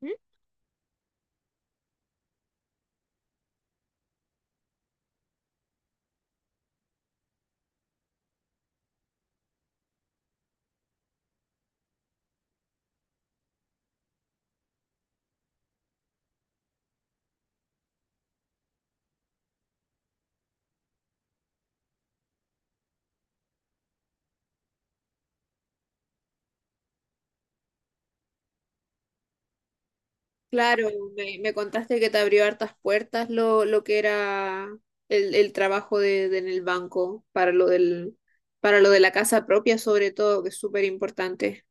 ¿Mm? Claro, me contaste que te abrió hartas puertas lo que era el trabajo de en el banco para lo del, para lo de la casa propia, sobre todo, que es súper importante.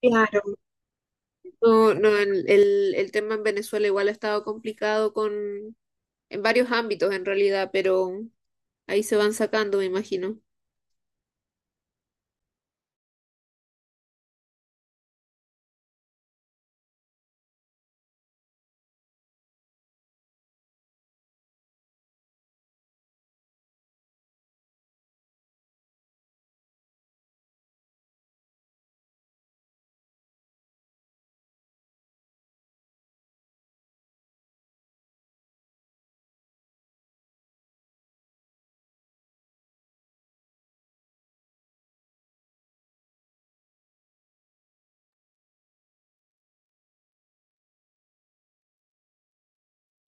Claro, no, no, el tema en Venezuela igual ha estado complicado con, en varios ámbitos en realidad, pero ahí se van sacando, me imagino.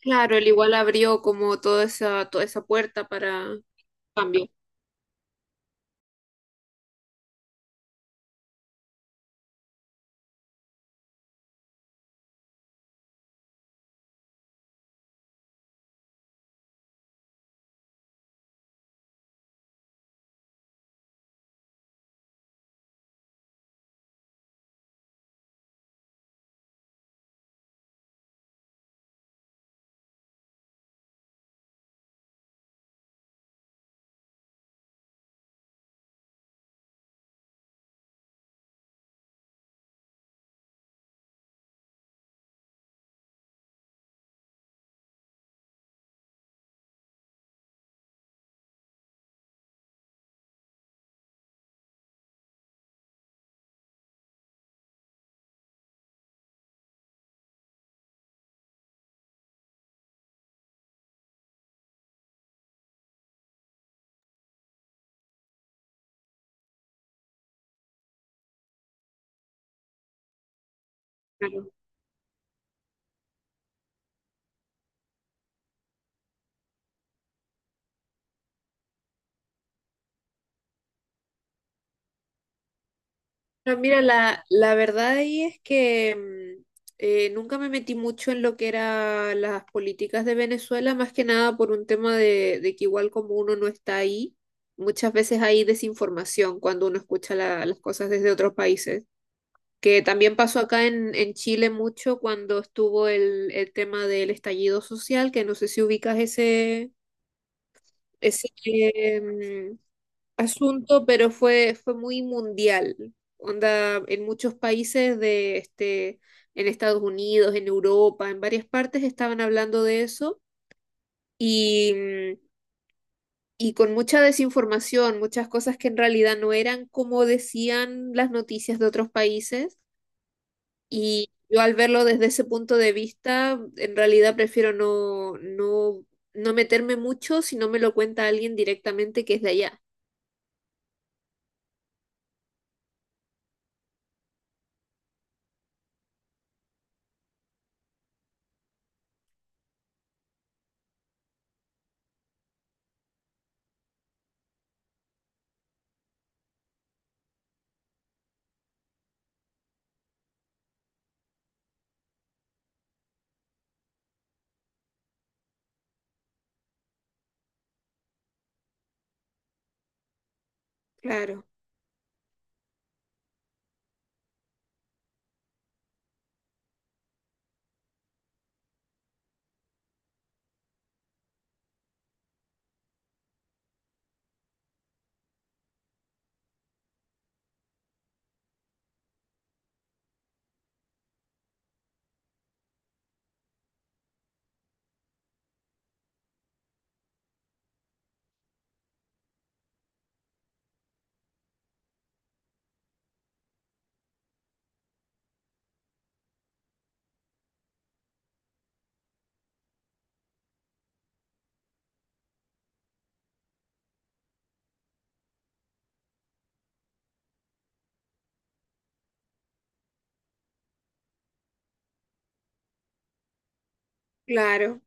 Claro, él igual abrió como toda esa puerta para cambio. No, mira, la verdad ahí es que mm, nunca me metí mucho en lo que eran las políticas de Venezuela, más que nada por un tema de que igual como uno no está ahí, muchas veces hay desinformación cuando uno escucha las cosas desde otros países, que también pasó acá en Chile mucho cuando estuvo el tema del estallido social, que no sé si ubicas ese, ese, em, asunto, pero fue muy mundial. Onda, en muchos países de este, en Estados Unidos, en Europa, en varias partes estaban hablando de eso y, mm, y con mucha desinformación, muchas cosas que en realidad no eran como decían las noticias de otros países. Y yo al verlo desde ese punto de vista, en realidad prefiero no meterme mucho si no me lo cuenta alguien directamente que es de allá. Claro, claro.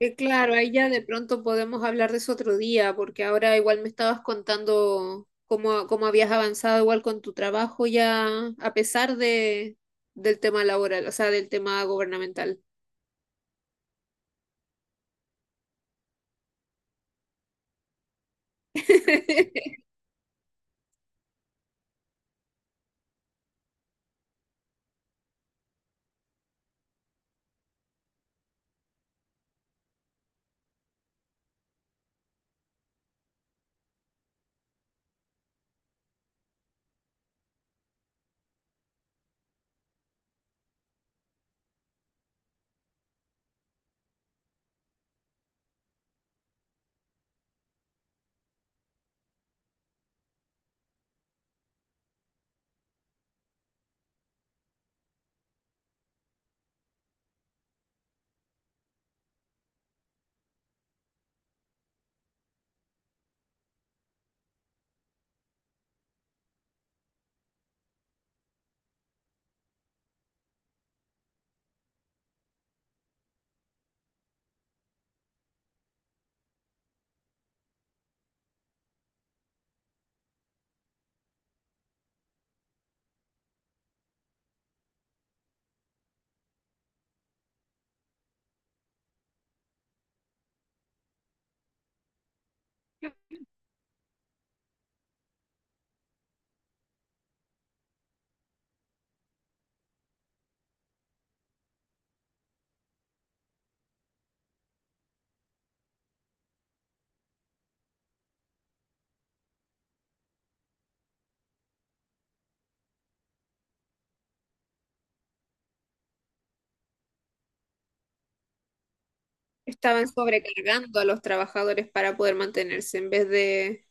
Que claro, ahí ya de pronto podemos hablar de eso otro día, porque ahora igual me estabas contando cómo, cómo habías avanzado igual con tu trabajo ya, a pesar de, del tema laboral, o sea, del tema gubernamental. Estaban sobrecargando a los trabajadores para poder mantenerse en vez de...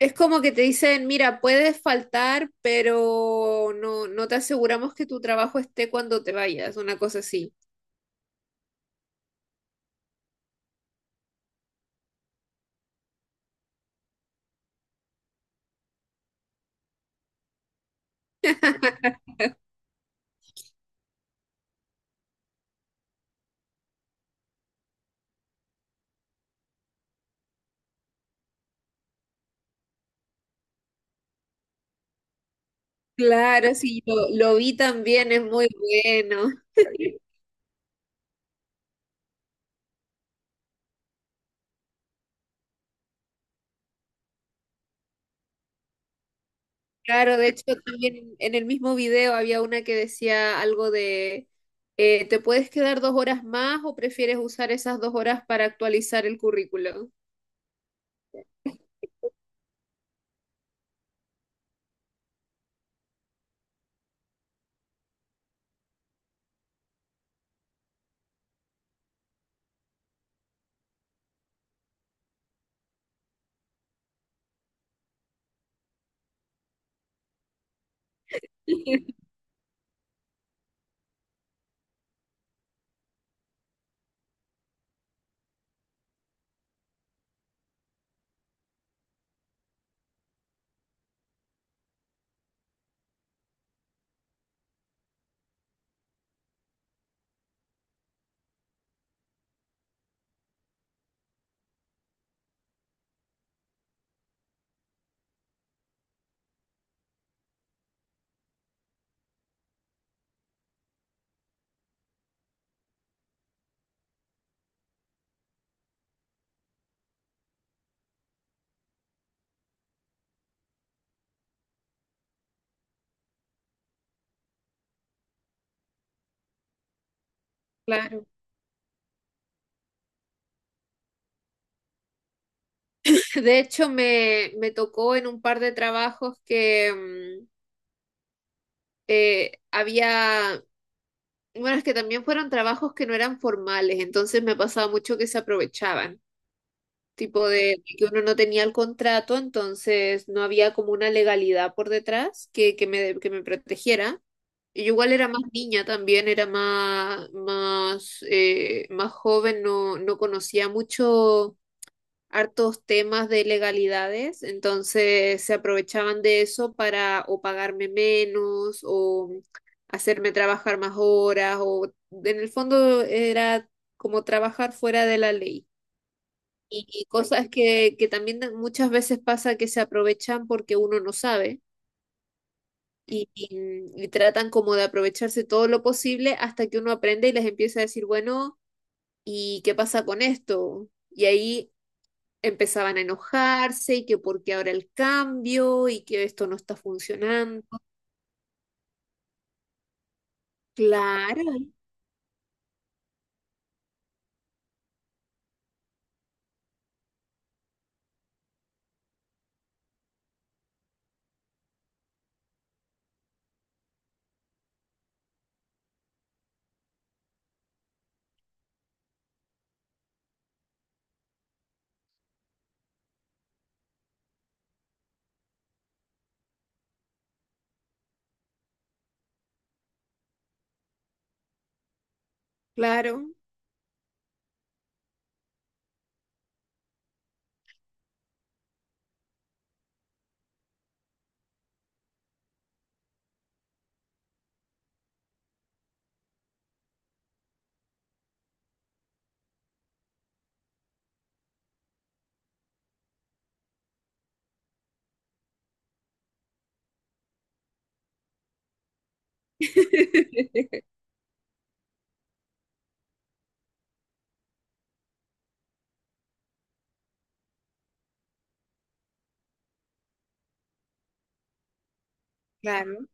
Es como que te dicen, mira, puedes faltar, pero no te aseguramos que tu trabajo esté cuando te vayas, una cosa así. Claro, sí, lo vi también, es muy bueno. Claro, de hecho también en el mismo video había una que decía algo ¿te puedes quedar dos horas más o prefieres usar esas dos horas para actualizar el currículum? Claro. De hecho, me tocó en un par de trabajos que mm, había, bueno, es que también fueron trabajos que no eran formales, entonces me pasaba mucho que se aprovechaban, tipo de, que uno no tenía el contrato, entonces no había como una legalidad por detrás que me protegiera. Y yo igual era más niña también, era más, más joven, no conocía mucho hartos temas de legalidades, entonces se aprovechaban de eso para o pagarme menos o hacerme trabajar más horas o en el fondo era como trabajar fuera de la ley. Y cosas que también muchas veces pasa que se aprovechan porque uno no sabe y tratan como de aprovecharse todo lo posible hasta que uno aprende y les empieza a decir, bueno, ¿y qué pasa con esto? Y ahí empezaban a enojarse y que porque ahora el cambio y que esto no está funcionando. Claro, claro, claro.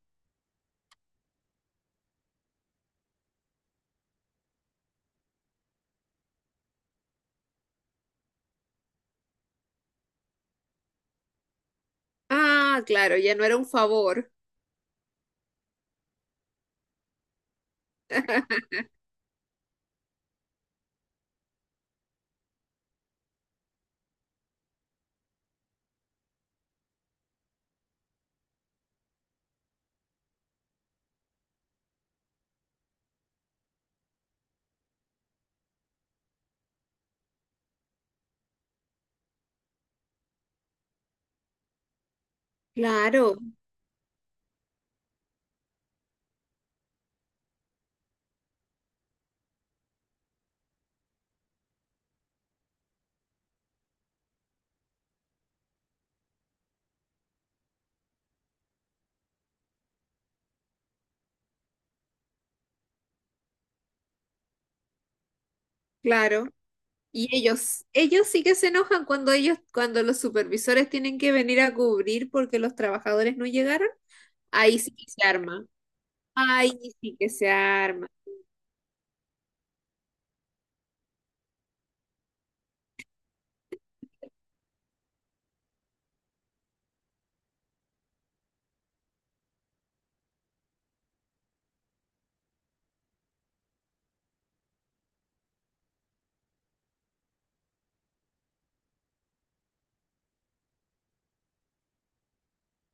Ah, claro, ya no era un favor. Claro, claro. Y ellos sí que se enojan cuando ellos, cuando los supervisores tienen que venir a cubrir porque los trabajadores no llegaron. Ahí sí que se arma. Ay, sí que se arma.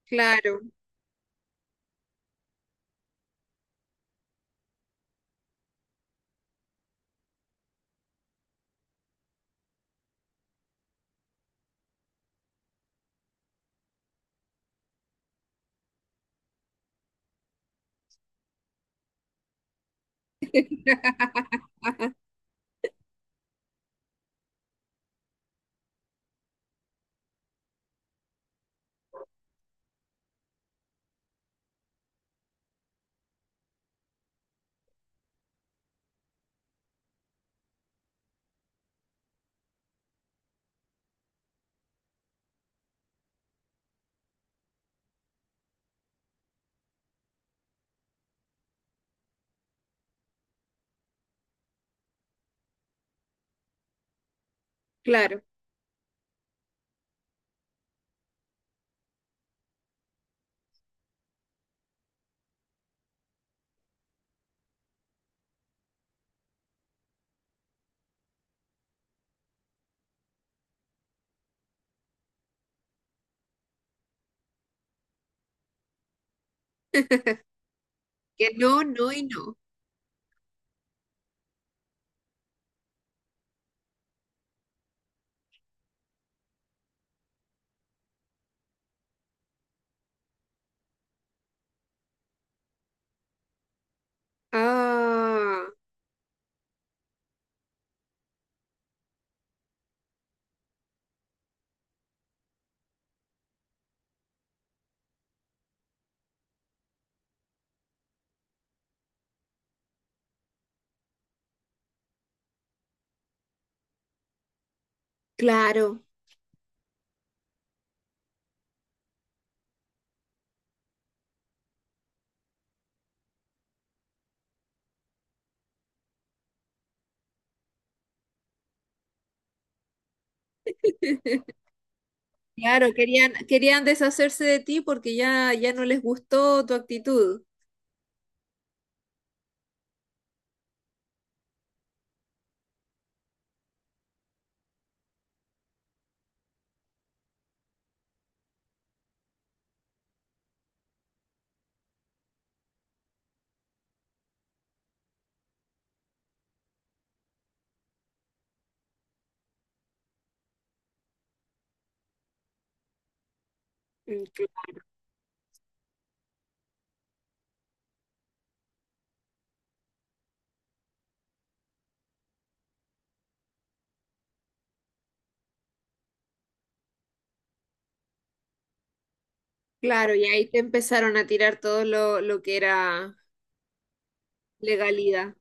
Claro, claro. Que no, no y no. Ah, claro, claro. Querían, querían deshacerse de ti porque ya, ya no les gustó tu actitud. Mm, cl- Claro, y ahí te empezaron a tirar todo lo que era legalidad.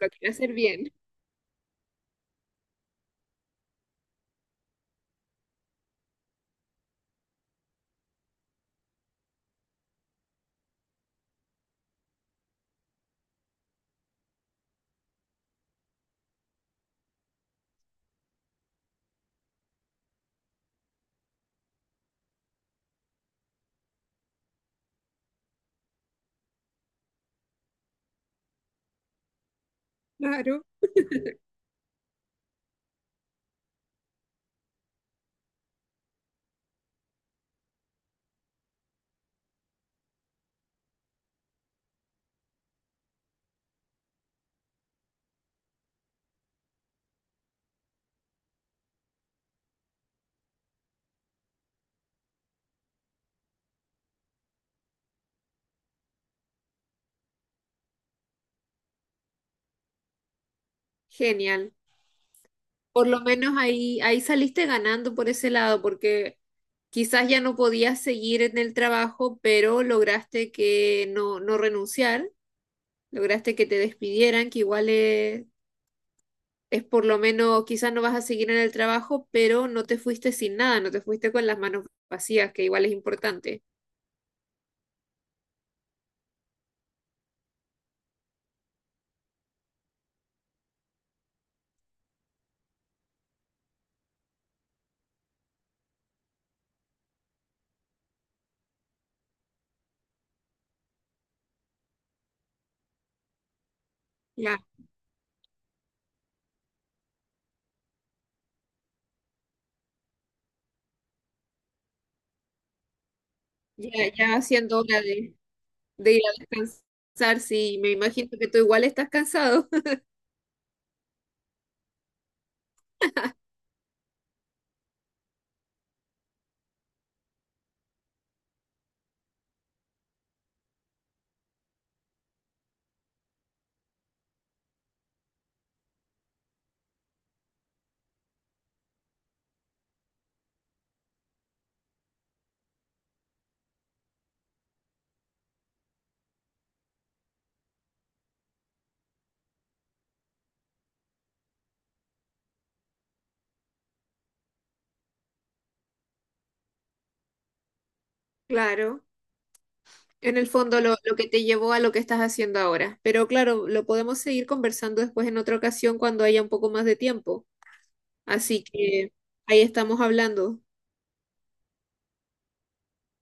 Lo que era hacer bien. Claro. Genial. Por lo menos ahí, ahí saliste ganando por ese lado, porque quizás ya no podías seguir en el trabajo, pero lograste que no renunciar, lograste que te despidieran, que igual es por lo menos, quizás no vas a seguir en el trabajo, pero no te fuiste sin nada, no te fuiste con las manos vacías, que igual es importante. Ya, ya, ya haciendo hora de ir a descansar, sí, me imagino que tú igual estás cansado. Claro, en el fondo lo que te llevó a lo que estás haciendo ahora. Pero claro, lo podemos seguir conversando después en otra ocasión cuando haya un poco más de tiempo. Así que ahí estamos hablando.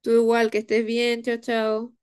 Tú igual, que estés bien, chao, chao.